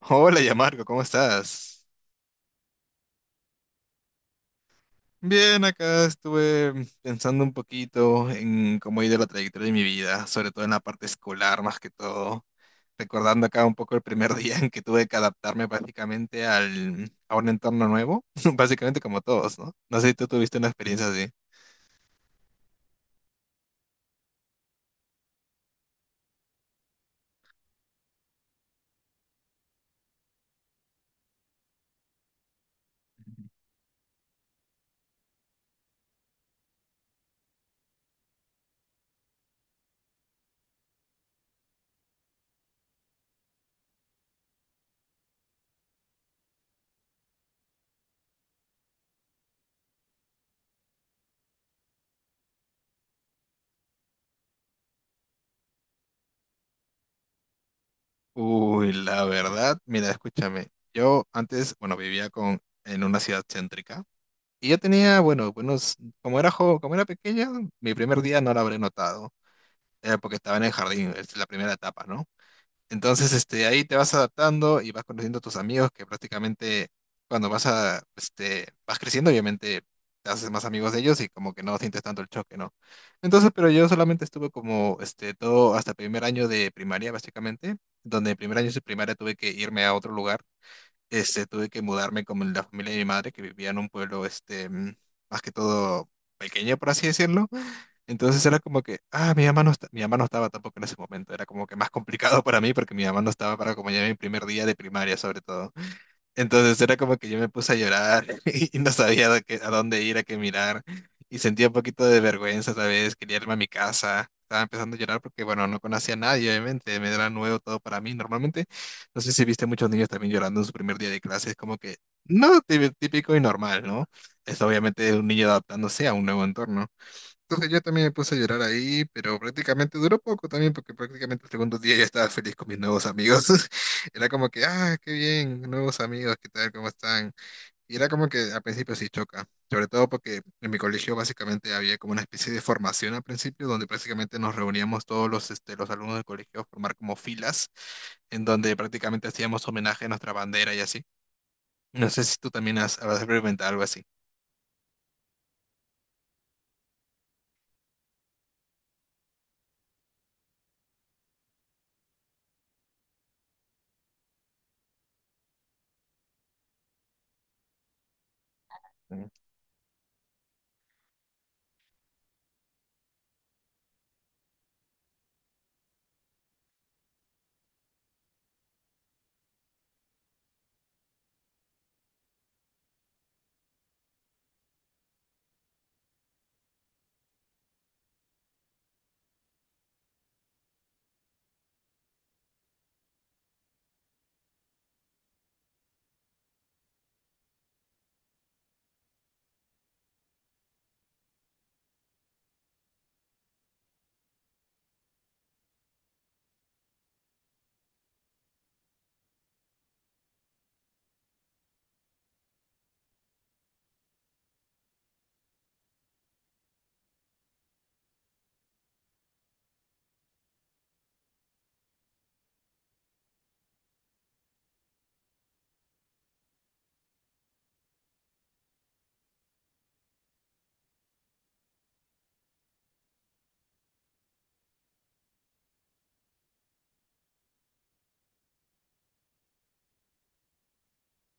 Hola, Yamarco, ¿cómo estás? Bien, acá estuve pensando un poquito en cómo ha ido la trayectoria de mi vida, sobre todo en la parte escolar más que todo, recordando acá un poco el primer día en que tuve que adaptarme básicamente a un entorno nuevo, básicamente como todos, ¿no? No sé si tú tuviste una experiencia así. Uy, la verdad, mira, escúchame, yo antes, bueno, vivía en una ciudad céntrica y yo tenía, bueno, buenos, como era como era pequeña, mi primer día no lo habré notado porque estaba en el jardín, es la primera etapa, ¿no? Entonces, este, ahí te vas adaptando y vas conociendo a tus amigos que prácticamente cuando vas creciendo, obviamente te haces más amigos de ellos y como que no sientes tanto el choque, ¿no? Entonces, pero yo solamente estuve como, este, todo hasta primer año de primaria, básicamente, donde en primer año de primaria tuve que irme a otro lugar. Este, tuve que mudarme con la familia de mi madre, que vivía en un pueblo, este, más que todo pequeño, por así decirlo. Entonces era como que, ah, mi mamá no estaba tampoco en ese momento. Era como que más complicado para mí porque mi mamá no estaba para acompañarme en mi primer día de primaria, sobre todo. Entonces era como que yo me puse a llorar y no sabía a dónde ir, a qué mirar. Y sentía un poquito de vergüenza, ¿sabes? Quería irme a mi casa. Estaba empezando a llorar porque, bueno, no conocía a nadie, obviamente. Me era nuevo todo para mí. Normalmente, no sé si viste muchos niños también llorando en su primer día de clase. Es como que, no, típico y normal, ¿no? Es obviamente un niño adaptándose a un nuevo entorno. Entonces yo también me puse a llorar ahí, pero prácticamente duró poco también, porque prácticamente el segundo día ya estaba feliz con mis nuevos amigos. Era como que, ah, qué bien, nuevos amigos, ¿qué tal? ¿Cómo están? Y era como que al principio sí choca, sobre todo porque en mi colegio básicamente había como una especie de formación al principio, donde prácticamente nos reuníamos todos los alumnos del colegio a formar como filas, en donde prácticamente hacíamos homenaje a nuestra bandera y así. No sé si tú también habrás experimentado algo así. Mm.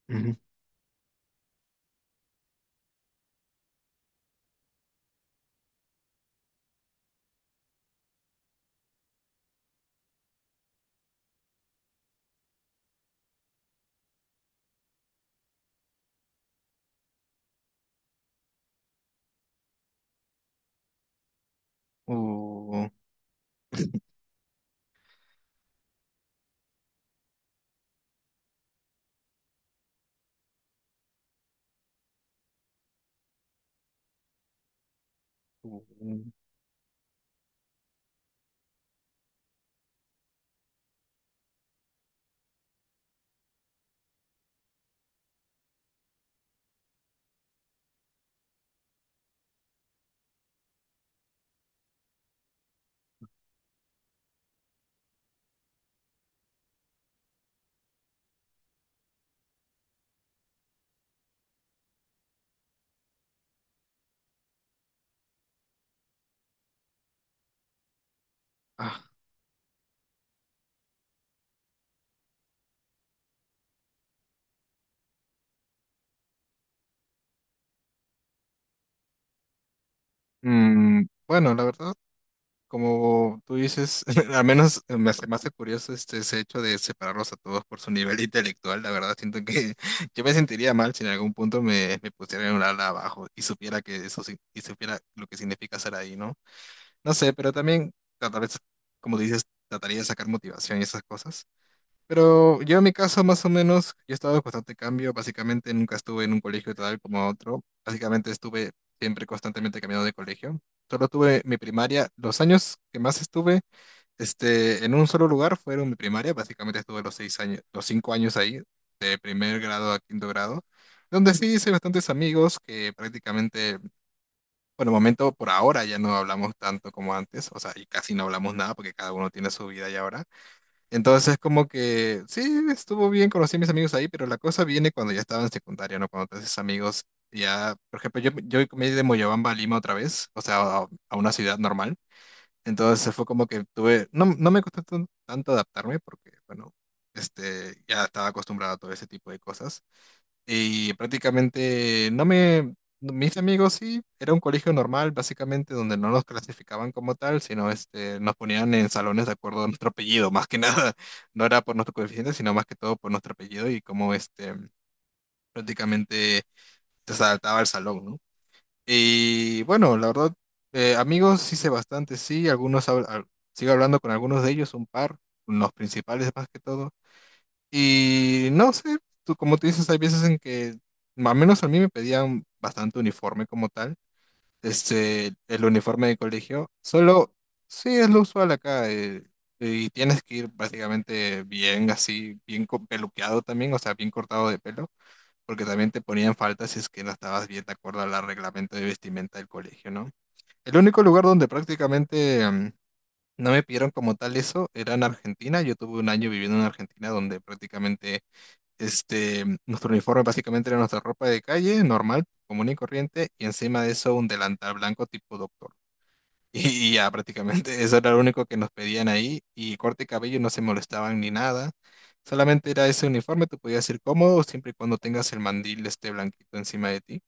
Ujú. Uh, uh, uh. Mm, bueno, la verdad, como tú dices, al menos me hace curioso este, ese hecho de separarlos a todos por su nivel intelectual. La verdad, siento que yo me sentiría mal si en algún punto me, me pusieran un ala abajo y supiera que y supiera lo que significa ser ahí, ¿no? No sé, pero también tal vez, como dices, trataría de sacar motivación y esas cosas. Pero yo en mi caso, más o menos, yo he estado en constante cambio. Básicamente nunca estuve en un colegio tal como otro. Básicamente estuve siempre constantemente cambiando de colegio. Solo tuve mi primaria. Los años que más estuve este, en un solo lugar fueron mi primaria. Básicamente estuve los seis años, los cinco años ahí, de primer grado a quinto grado, donde sí hice bastantes amigos que prácticamente, por el momento, por ahora ya no hablamos tanto como antes. O sea, y casi no hablamos nada porque cada uno tiene su vida y ahora. Entonces, como que sí, estuvo bien, conocí a mis amigos ahí, pero la cosa viene cuando ya estaba en secundaria, ¿no? Cuando te haces amigos, ya, por ejemplo, yo me he ido de Moyobamba a Lima otra vez, o sea, a una ciudad normal. Entonces fue como que tuve, no, no me costó tanto adaptarme porque, bueno, este, ya estaba acostumbrado a todo ese tipo de cosas. Y prácticamente no, mis amigos sí, era un colegio normal, básicamente, donde no nos clasificaban como tal, sino este, nos ponían en salones de acuerdo a nuestro apellido, más que nada. No era por nuestro coeficiente, sino más que todo por nuestro apellido y cómo este, prácticamente se saltaba el salón, ¿no? Y bueno, la verdad, amigos hice bastante, sí, algunos, sigo hablando con algunos de ellos, un par, los principales más que todo. Y no sé, tú, como tú dices, hay veces en que, al menos a mí me pedían bastante uniforme como tal, este, el uniforme de colegio, solo, sí, es lo usual acá, y tienes que ir prácticamente bien así, peluqueado también, o sea, bien cortado de pelo, porque también te ponían falta si es que no estabas bien de acuerdo al reglamento de vestimenta del colegio, ¿no? El único lugar donde prácticamente... mm, no me pidieron como tal eso, era en Argentina. Yo tuve un año viviendo en Argentina donde prácticamente este, nuestro uniforme básicamente era nuestra ropa de calle, normal, común y corriente, y encima de eso un delantal blanco tipo doctor. Y ya, prácticamente eso era lo único que nos pedían ahí, y corte de cabello no se molestaban ni nada. Solamente era ese uniforme, tú podías ir cómodo siempre y cuando tengas el mandil este blanquito encima de ti.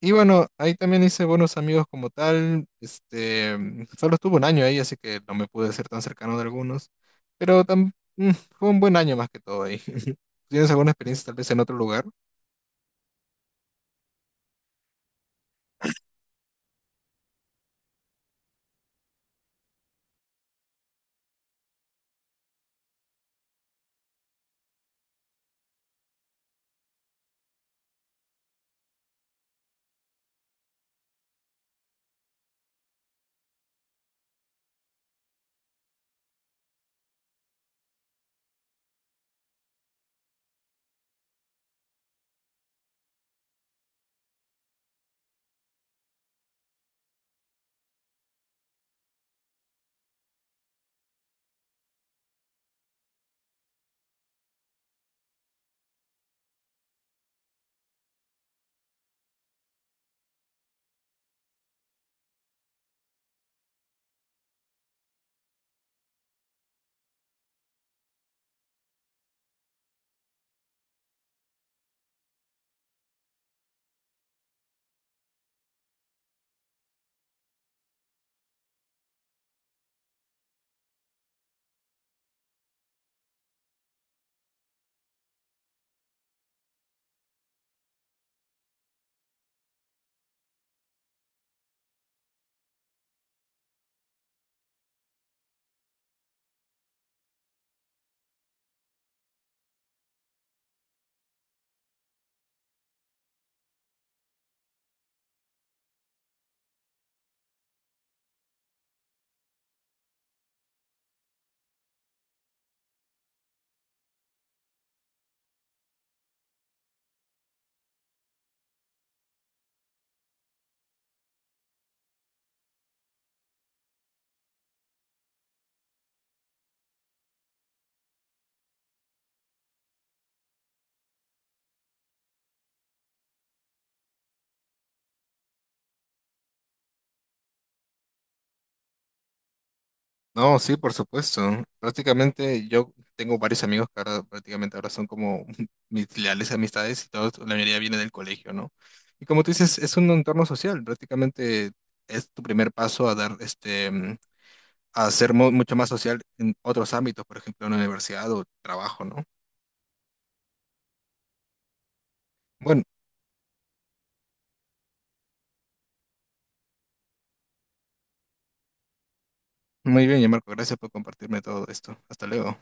Y bueno, ahí también hice buenos amigos como tal. Este, solo estuve un año ahí, así que no me pude ser tan cercano de algunos. Pero fue un buen año más que todo ahí. ¿Tienes alguna experiencia tal vez en otro lugar? No, sí, por supuesto. Prácticamente yo tengo varios amigos que ahora prácticamente ahora son como mis leales amistades y todos, la mayoría viene del colegio, ¿no? Y como tú dices, es un entorno social. Prácticamente es tu primer paso a dar este a ser mucho más social en otros ámbitos, por ejemplo, en la universidad o trabajo, ¿no? Bueno, muy bien, ya Marco, gracias por compartirme todo esto. Hasta luego.